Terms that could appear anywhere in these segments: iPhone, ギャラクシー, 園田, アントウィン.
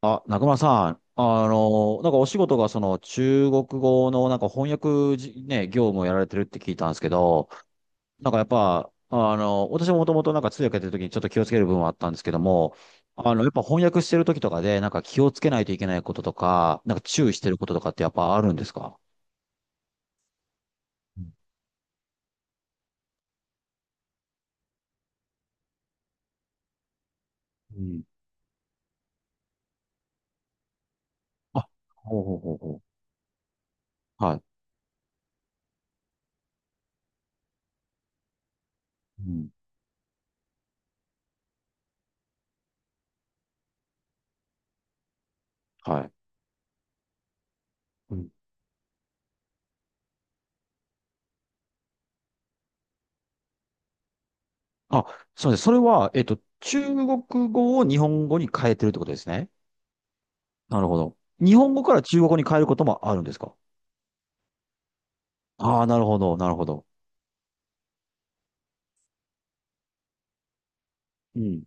あ、中村さん、お仕事がその中国語の翻訳じ、ね、業務をやられてるって聞いたんですけど、なんかやっぱ、私ももともとなんか通訳やってる時にちょっと気をつける部分はあったんですけども、やっぱ翻訳してる時とかでなんか気をつけないといけないこととか、なんか注意してることとかってやっぱあるんですか？うん。あ、ほうほうほうほう。はい。うん。はい。うん。あ、そうです。それは、中国語を日本語に変えてるってことですね。なるほど。日本語から中国語に変えることもあるんですか？ああー、なるほど、なるほど。うん。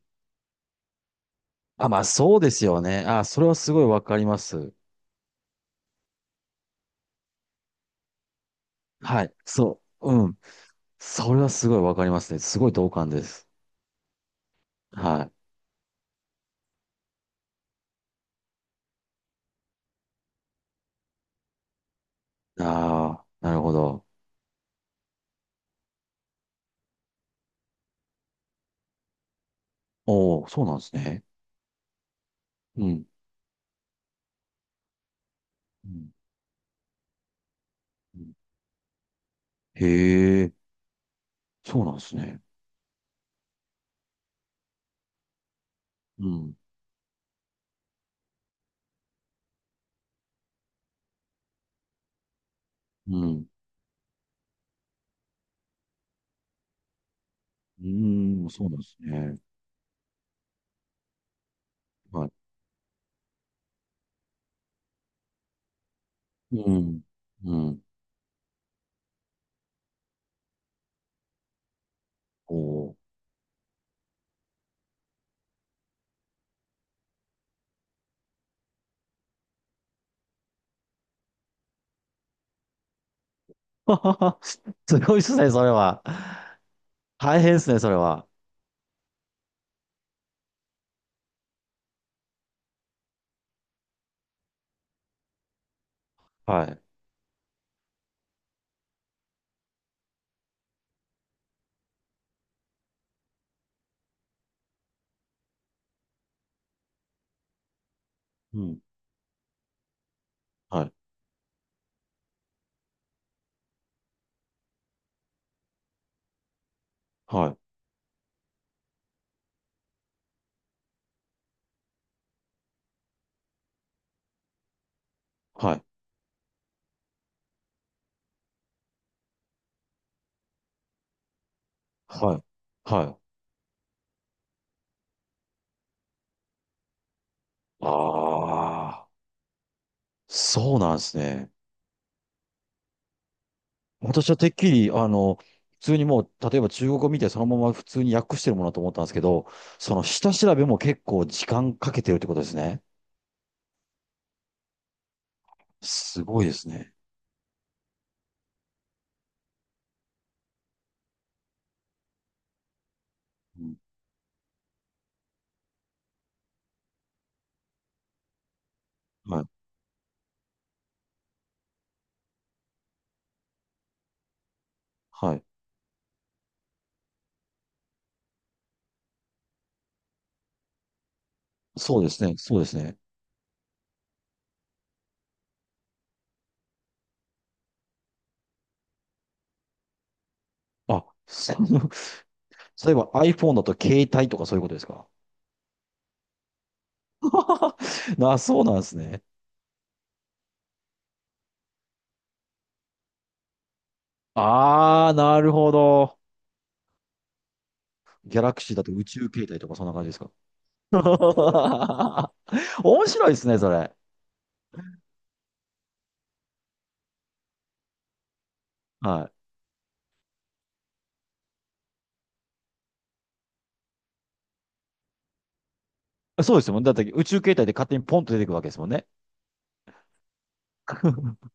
あ、まあそうですよね。あ、それはすごいわかります。はい。そう。うん。それはすごいわかりますね。すごい同感です。はい。ああ、なるほど。おお、そうなんですね。うん。うんうん。へえ、そうなんですね。うん。うん。うーん、そうなんですね。はい。うん。うん。おお。すごいですね、それは。大変ですね、それは。はい。うん。はい。はい。はい。はい。はい。ああ、そうなんですね。私はてっきり、普通にもう、例えば中国語見てそのまま普通に訳してるものだと思ったんですけど、その下調べも結構時間かけてるってことですね。すごいですね。うん。はい。はい。そうですね。そうですね。あ、その、例えば iPhone だと携帯とかそういうことですか？あ そうなんですね。ああ、なるほど。ギャラクシーだと宇宙形態とかそんな感じですか？ 面白いですね、それ。はい。そうですよ。だって宇宙形態で勝手にポンと出てくるわけですもんね。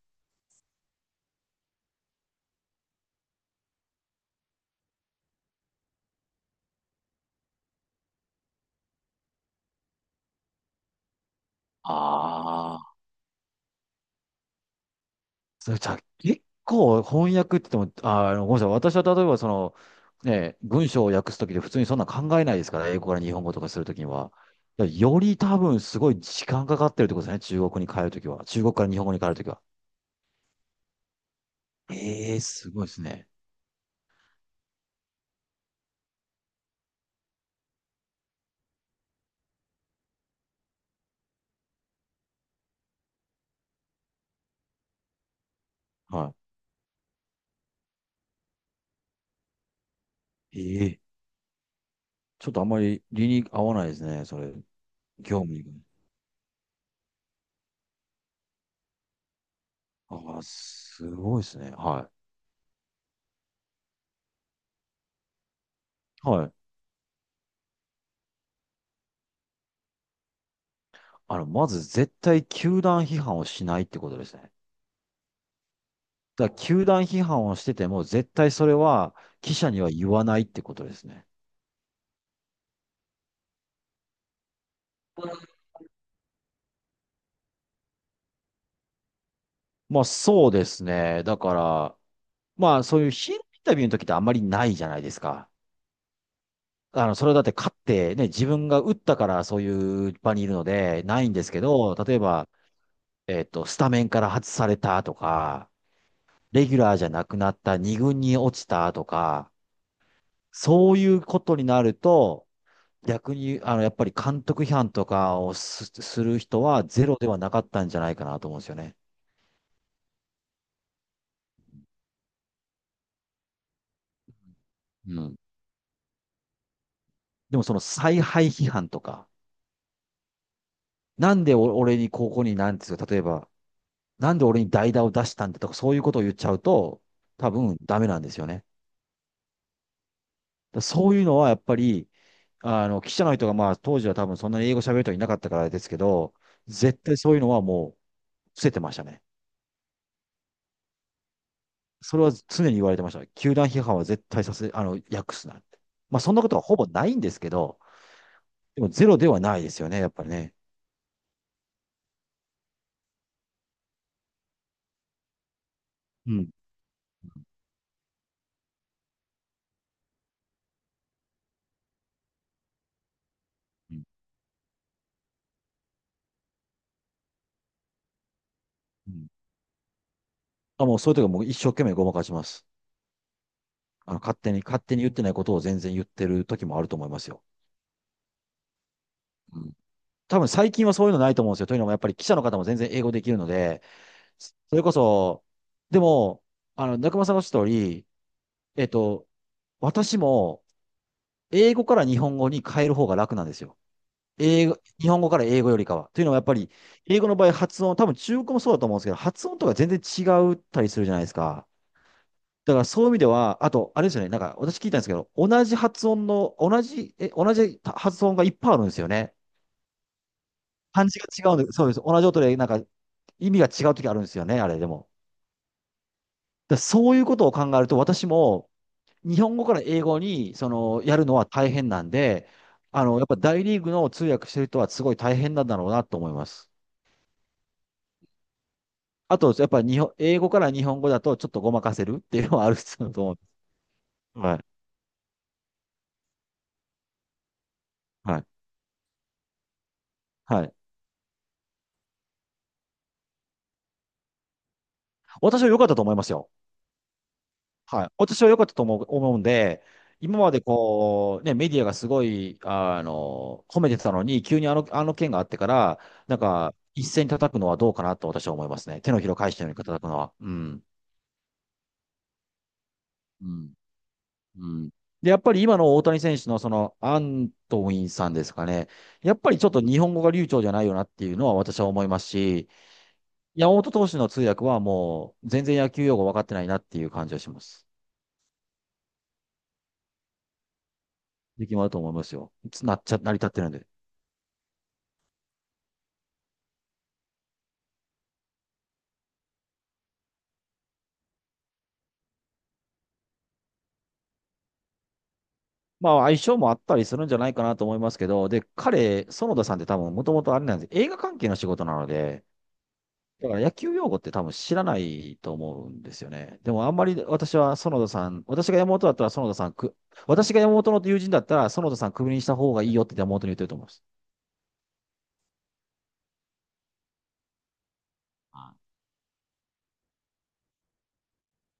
ああ。それじゃあ、結構翻訳って言っても、あー、あのごめんなさい。私は例えばその、ね、文章を訳すときで普通にそんな考えないですから、英語から日本語とかするときには。だからより多分すごい時間かかってるってことですね。中国に帰るときは。中国から日本語に帰るときは。ええー、すごいですね。はい。ええ、ちょっとあんまり理に合わないですね、それ。業務に。ああ、すごいですね。はい。はい。まず絶対球団批判をしないってことですね。だから球団批判をしてても、絶対それは記者には言わないってことですね。まあそうですね。だから、まあそういうヒーローインタビューの時ってあんまりないじゃないですか。それはだって勝ってね、自分が打ったからそういう場にいるので、ないんですけど、例えば、スタメンから外されたとか、レギュラーじゃなくなった二軍に落ちたとか、そういうことになると、逆に、やっぱり監督批判とかをする人はゼロではなかったんじゃないかなと思うんですよね。うん。でもその采配批判とか、なんでお俺にここになんですよ、例えば、なんで俺に代打を出したんだとか、そういうことを言っちゃうと、多分ダメなんですよね。だからそういうのはやっぱり、記者の人がまあ当時は多分そんなに英語喋る人いなかったからですけど、絶対そういうのはもう伏せてましたね。それは常に言われてました。球団批判は絶対訳すなって。まあ、そんなことはほぼないんですけど、でもゼロではないですよね、やっぱりね。うん。うんうん。あ、もうそういう時はもう一生懸命ごまかします。あの、勝手に言ってないことを全然言ってる時もあると思いますよ。うん。多分最近はそういうのないと思うんですよ。というのもやっぱり記者の方も全然英語できるので、それこそ、でも、中間さんがおっしゃった通り、えっと、私も英語から日本語に変える方が楽なんですよ。英語、日本語から英語よりかは。というのはやっぱり、英語の場合発音、多分中国語もそうだと思うんですけど、発音とか全然違ったりするじゃないですか。だからそういう意味では、あと、あれですよね、なんか私聞いたんですけど、同じ発音がいっぱいあるんですよね。漢字が違うんで、そうです。同じ音で、なんか意味が違う時あるんですよね、あれでも。だからそういうことを考えると、私も日本語から英語に、その、やるのは大変なんで、やっぱ大リーグの通訳してる人はすごい大変なんだろうなと思います。あと、やっぱり日本、英語から日本語だとちょっとごまかせるっていうのはあると思う。はい。はい。はい。私は良かったと思いますよ。はい。私は良かったと思う、思うんで、今までこう、ね、メディアがすごい、あの、褒めてたのに、急にあの件があってから、なんか、一斉に叩くのはどうかなと私は思いますね。手のひらを返したように叩くのは。うん。うん。うん。で、やっぱり今の大谷選手のその、アントウィンさんですかね。やっぱりちょっと日本語が流暢じゃないよなっていうのは私は思いますし、山本投手の通訳はもう全然野球用語分かってないなっていう感じはします。力もあると思いますよ。つなっちゃ、成り立ってるんで。まあ相性もあったりするんじゃないかなと思いますけど、で、彼、園田さんって多分もともとあれなんです。映画関係の仕事なので、だから野球用語って多分知らないと思うんですよね。でもあんまり私は園田さん、私が山本の友人だったら園田さんクビにした方がいいよって山本に言ってると思います。